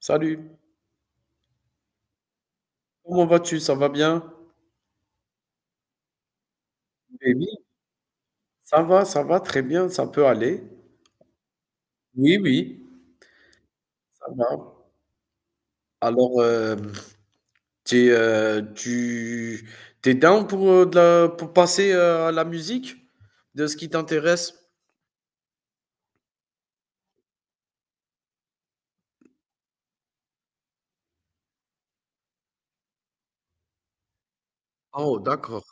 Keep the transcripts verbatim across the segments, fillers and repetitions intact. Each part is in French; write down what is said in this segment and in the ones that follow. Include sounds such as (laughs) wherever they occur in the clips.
Salut, comment vas-tu? Ça va bien? Mais oui, ça va, ça va très bien, ça peut aller. Oui, oui, ça va. Alors, euh, t'es, euh, tu t'es down pour, euh, de la- pour passer euh, à la musique, de ce qui t'intéresse? Oh, d'accord.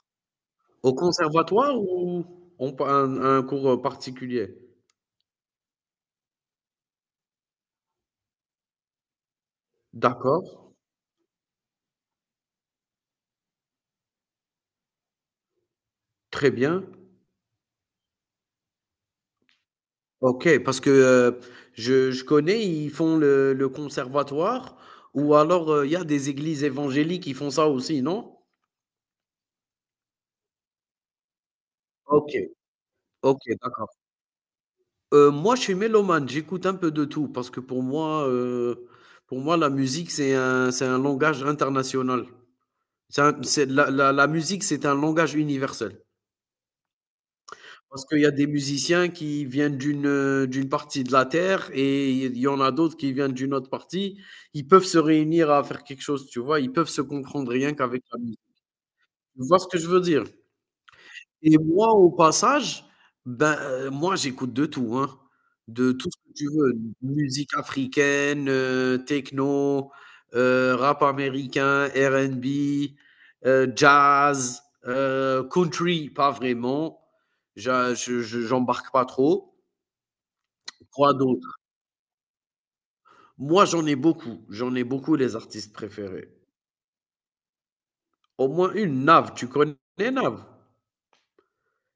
Au conservatoire ou on, pa- un, un cours particulier? D'accord, très bien. OK, parce que euh, je, je connais, ils font le, le conservatoire, ou alors euh, il y a des églises évangéliques qui font ça aussi, non? OK, OK, d'accord. Euh, moi, je suis mélomane, j'écoute un peu de tout parce que pour moi, euh, pour moi, la musique, c'est un, c'est un langage international. C'est un- c'est- la, la- La musique, c'est un langage universel. Parce qu'il y a des musiciens qui viennent d'une, heu, d'une partie de la terre, et il y en a d'autres qui viennent d'une autre partie. Ils peuvent se réunir à faire quelque chose, tu vois? Ils peuvent se comprendre rien qu'avec la musique. Tu vois ce que je veux dire? Et moi, au passage, ben, heu, moi, j'écoute de tout, hein, de tout ce que tu veux: musique africaine, heu, techno, heu, rap américain, RnB, heu, jazz, heu, country, pas vraiment. J'a je je J'embarque pas trop. Quoi d'autre? Moi, j'en ai beaucoup, j'en ai beaucoup les artistes préférés. Au moins une, Nav, tu connais Nav?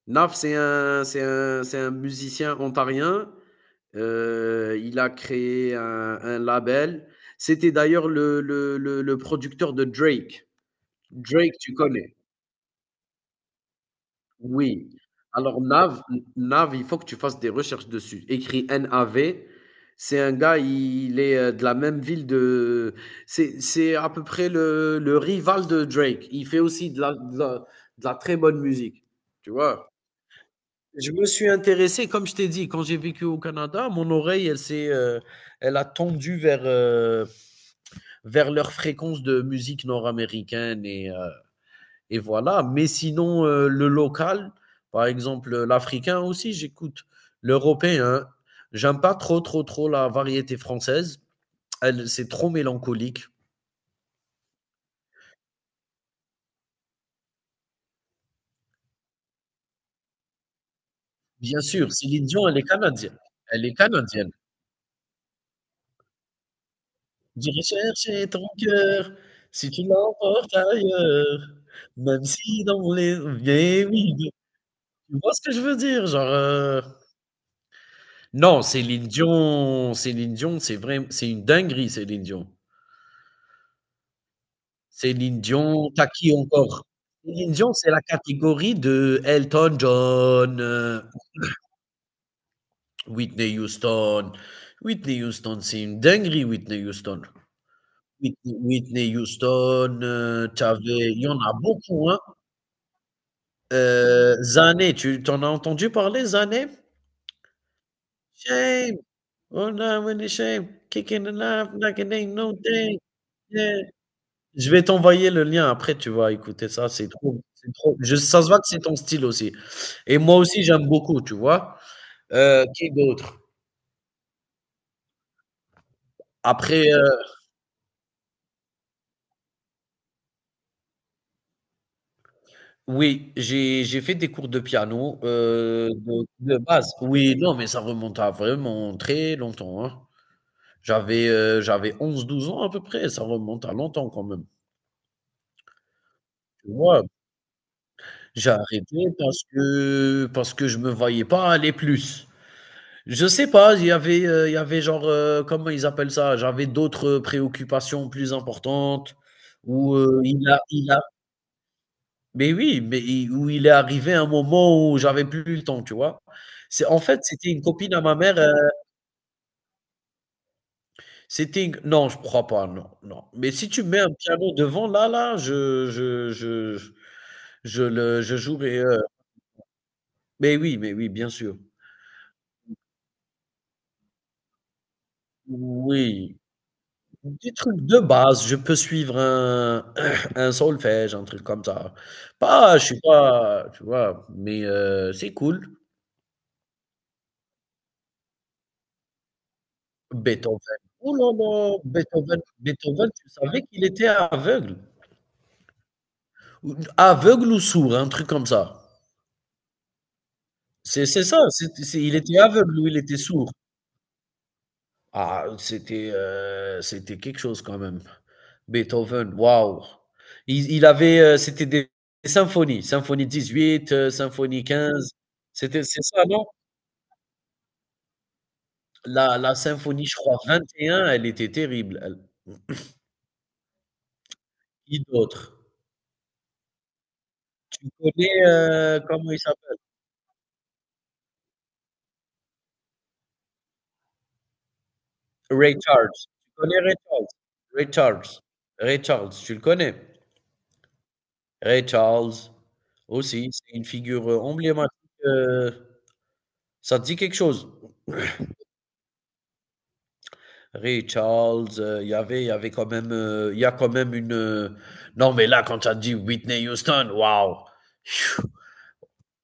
Nav, c'est un c'est un c'est un musicien ontarien. Heu, il a créé un un label. C'était d'ailleurs le le le le producteur de Drake. Drake, tu connais? Oui. Alors Nav Nav, il faut que tu fasses des recherches dessus. Écrit N A V. C'est un gars, il est, heu, de la même ville de... c'est C'est à peu près le le rival de Drake. Il fait aussi de la de la de la très bonne musique, tu vois? Je me suis intéressé, comme je t'ai dit, quand j'ai vécu au Canada. Mon oreille, elle s'est, euh, elle a tendu vers, euh, vers leur fréquence de musique nord-américaine, et, euh, et voilà. Mais sinon, euh, le local, par exemple, euh, l'africain aussi, j'écoute. L'européen, j'aime pas trop, trop, trop la variété française. Elle, c'est trop mélancolique. Bien sûr, Céline Dion, elle est canadienne. Elle est canadienne. J'irai chercher ton cœur si tu l'emportes ailleurs, même si dans les... Mais oui, mais tu vois ce que je veux dire? Genre, heu, non, Céline Dion Céline Dion, c'est vraim c'est une dinguerie, Céline Dion. Céline Dion, t'as qui encore? Céline Dion, c'est la catégorie de Elton John, heu, Whitney Houston. Whitney Houston, c'est une dinguerie, Whitney Houston. Whitney Whitney Houston, heu, tu il y en a beaucoup, hein. Heu, Zane, tu t'en as entendu parler, Zane? Shame, oh no, really shame, kicking the life like it ain't no thing, yeah. Je vais t'envoyer le lien après, tu vas écouter ça, c'est trop c'est trop je ça se voit que c'est ton style aussi, et moi aussi j'aime beaucoup, tu vois? Heu, qui d'autre? Après, heu, oui, j'ai j'ai fait des cours de piano, heu, de de base. Oui, non, mais ça remonte à vraiment très longtemps, hein. J'avais, heu, j'avais onze douze ans à peu près, ça remonte à longtemps quand même, tu vois? J'ai arrêté parce que parce que je me voyais pas aller plus. Je sais pas, il y avait, heu, il y avait genre, heu, comment ils appellent ça? J'avais d'autres préoccupations plus importantes, où, heu, il a il a mais oui, mais il où il est arrivé un moment où j'avais plus le temps, tu vois? C'est en fait, c'était une copine à ma mère, heu, c'était une non, je crois pas, non, non. Mais si tu mets un piano devant, là là, je je je je je le je jouerai, heu mais oui, mais oui, bien sûr. Oui. Des trucs de base, je peux suivre un (clears throat) un solfège, un truc comme ça. Pas je suis pas, tu vois? Mais heu, c'est cool. Beethoven, oh là là! Beethoven Beethoven, tu savais qu'il était aveugle? Ou aveugle ou sourd, un truc comme ça. C'est c'est ça, c'est c'est il était aveugle ou il était sourd. Ah, c'était, heu, c'était quelque chose quand même. Beethoven, waouh! Il il avait, heu, c'était des symphonies, symphonie dix-huit, heu, symphonie quinze. C'était c'est ça, non? La la symphonie, je crois, vingt et un, elle était terrible, elle. Qui d'autre? Tu connais, heu, comment il s'appelle? Ray Charles. Tu connais Ray Charles? Ray Charles. Ray Charles, tu le connais? Ray Charles aussi, c'est une figure, heu, emblématique. heu, Ça te dit quelque chose? Ray Charles, euh, il y avait, il y avait quand même, euh, il y a quand même une. euh, Non, mais là, quand tu as dit Whitney Houston, waouh! Phew,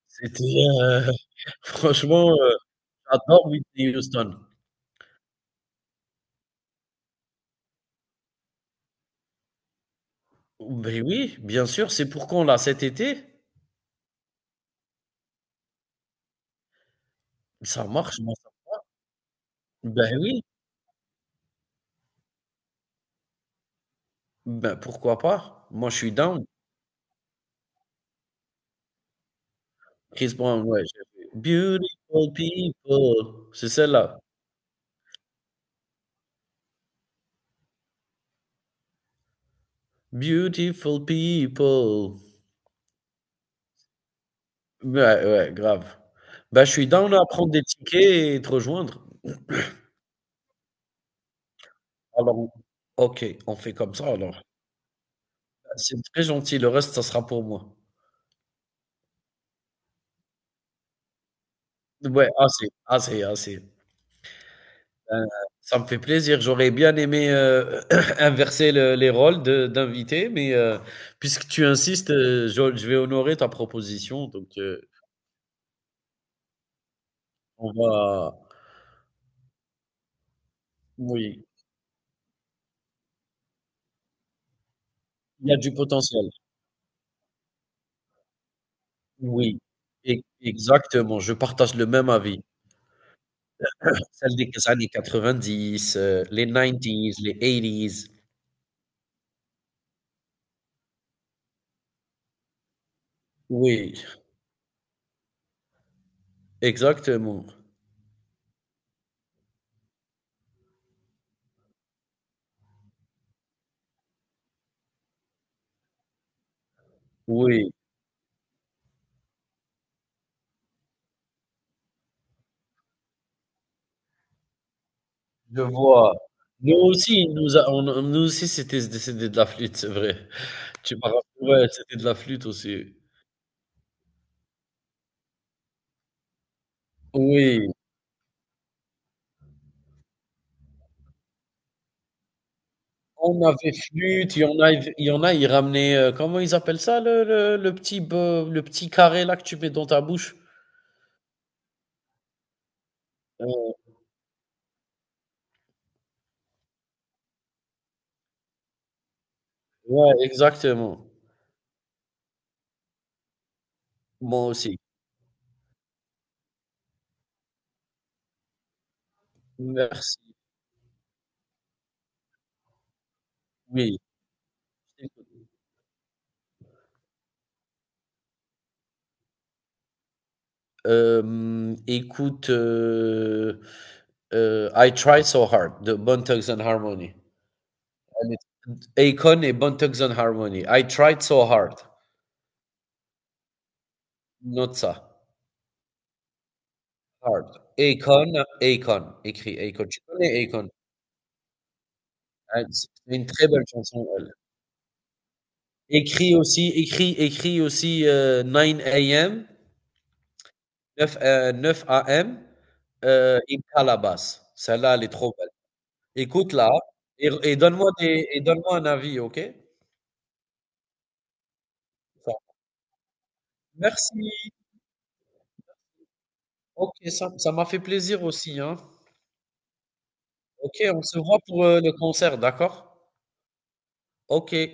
C'était. euh, (laughs) Franchement, euh, j'adore Whitney Houston. Ben oui, bien sûr, c'est pour quand là, cet été? Ça marche, moi, ça- Ben oui, ben pourquoi pas? Moi, je suis down. Chris Brown, ouais. j'ai- Beautiful people. C'est celle-là. Beautiful people. Ouais, ouais, grave. Bah, je suis down à prendre des tickets et te rejoindre. Alors, OK, on fait comme ça alors. C'est très gentil, le reste, ça sera pour moi. Ouais, assez, assez, assez. Heu, ça me fait plaisir. J'aurais bien aimé, heu, (clears throat) inverser le les rôles de d'invités, mais, heu, puisque tu insistes, heu, je je vais honorer ta proposition, donc, heu, on va oui, il y a du potentiel. Oui, e exactement, je partage le même avis. Celle des années quatre-vingt-dix, heu, les nineties, les eighties. Oui, exactement. Oui, je vois. Nous aussi, nous a on a nous aussi, c'était c'était de la flûte, c'est vrai. Tu m'as rapp Ouais, c'était de la flûte aussi. Oui, on avait flûte, il y en a il y en a, ils ramenaient, heu, comment ils appellent ça, le le le petit be le petit carré là, que tu mets dans ta bouche? Heu, ouais, exactement. Moi aussi. Merci, oui. Hem, écoute, heu heu, I Try So Hard de Bone Thugs and Harmony. Elle est- Akon et Bone Thugs and Harmony. I Tried So Hard. Note ça. Hard. Akon, Akon, écrit Akon. Tu connais Akon? Ah, c'est une très belle chanson, elle. Écrit aussi écrit écrit aussi, heu, nine a m, neuf, heu, neuf heures du matin, heu, in Calabas. Celle-là, elle est trop belle. Écoute-la, et et donne-moi des et donne-moi un avis, OK? Merci. OK, ça ça m'a fait plaisir aussi, hein. OK, on se voit pour, heu, le concert, d'accord? OK.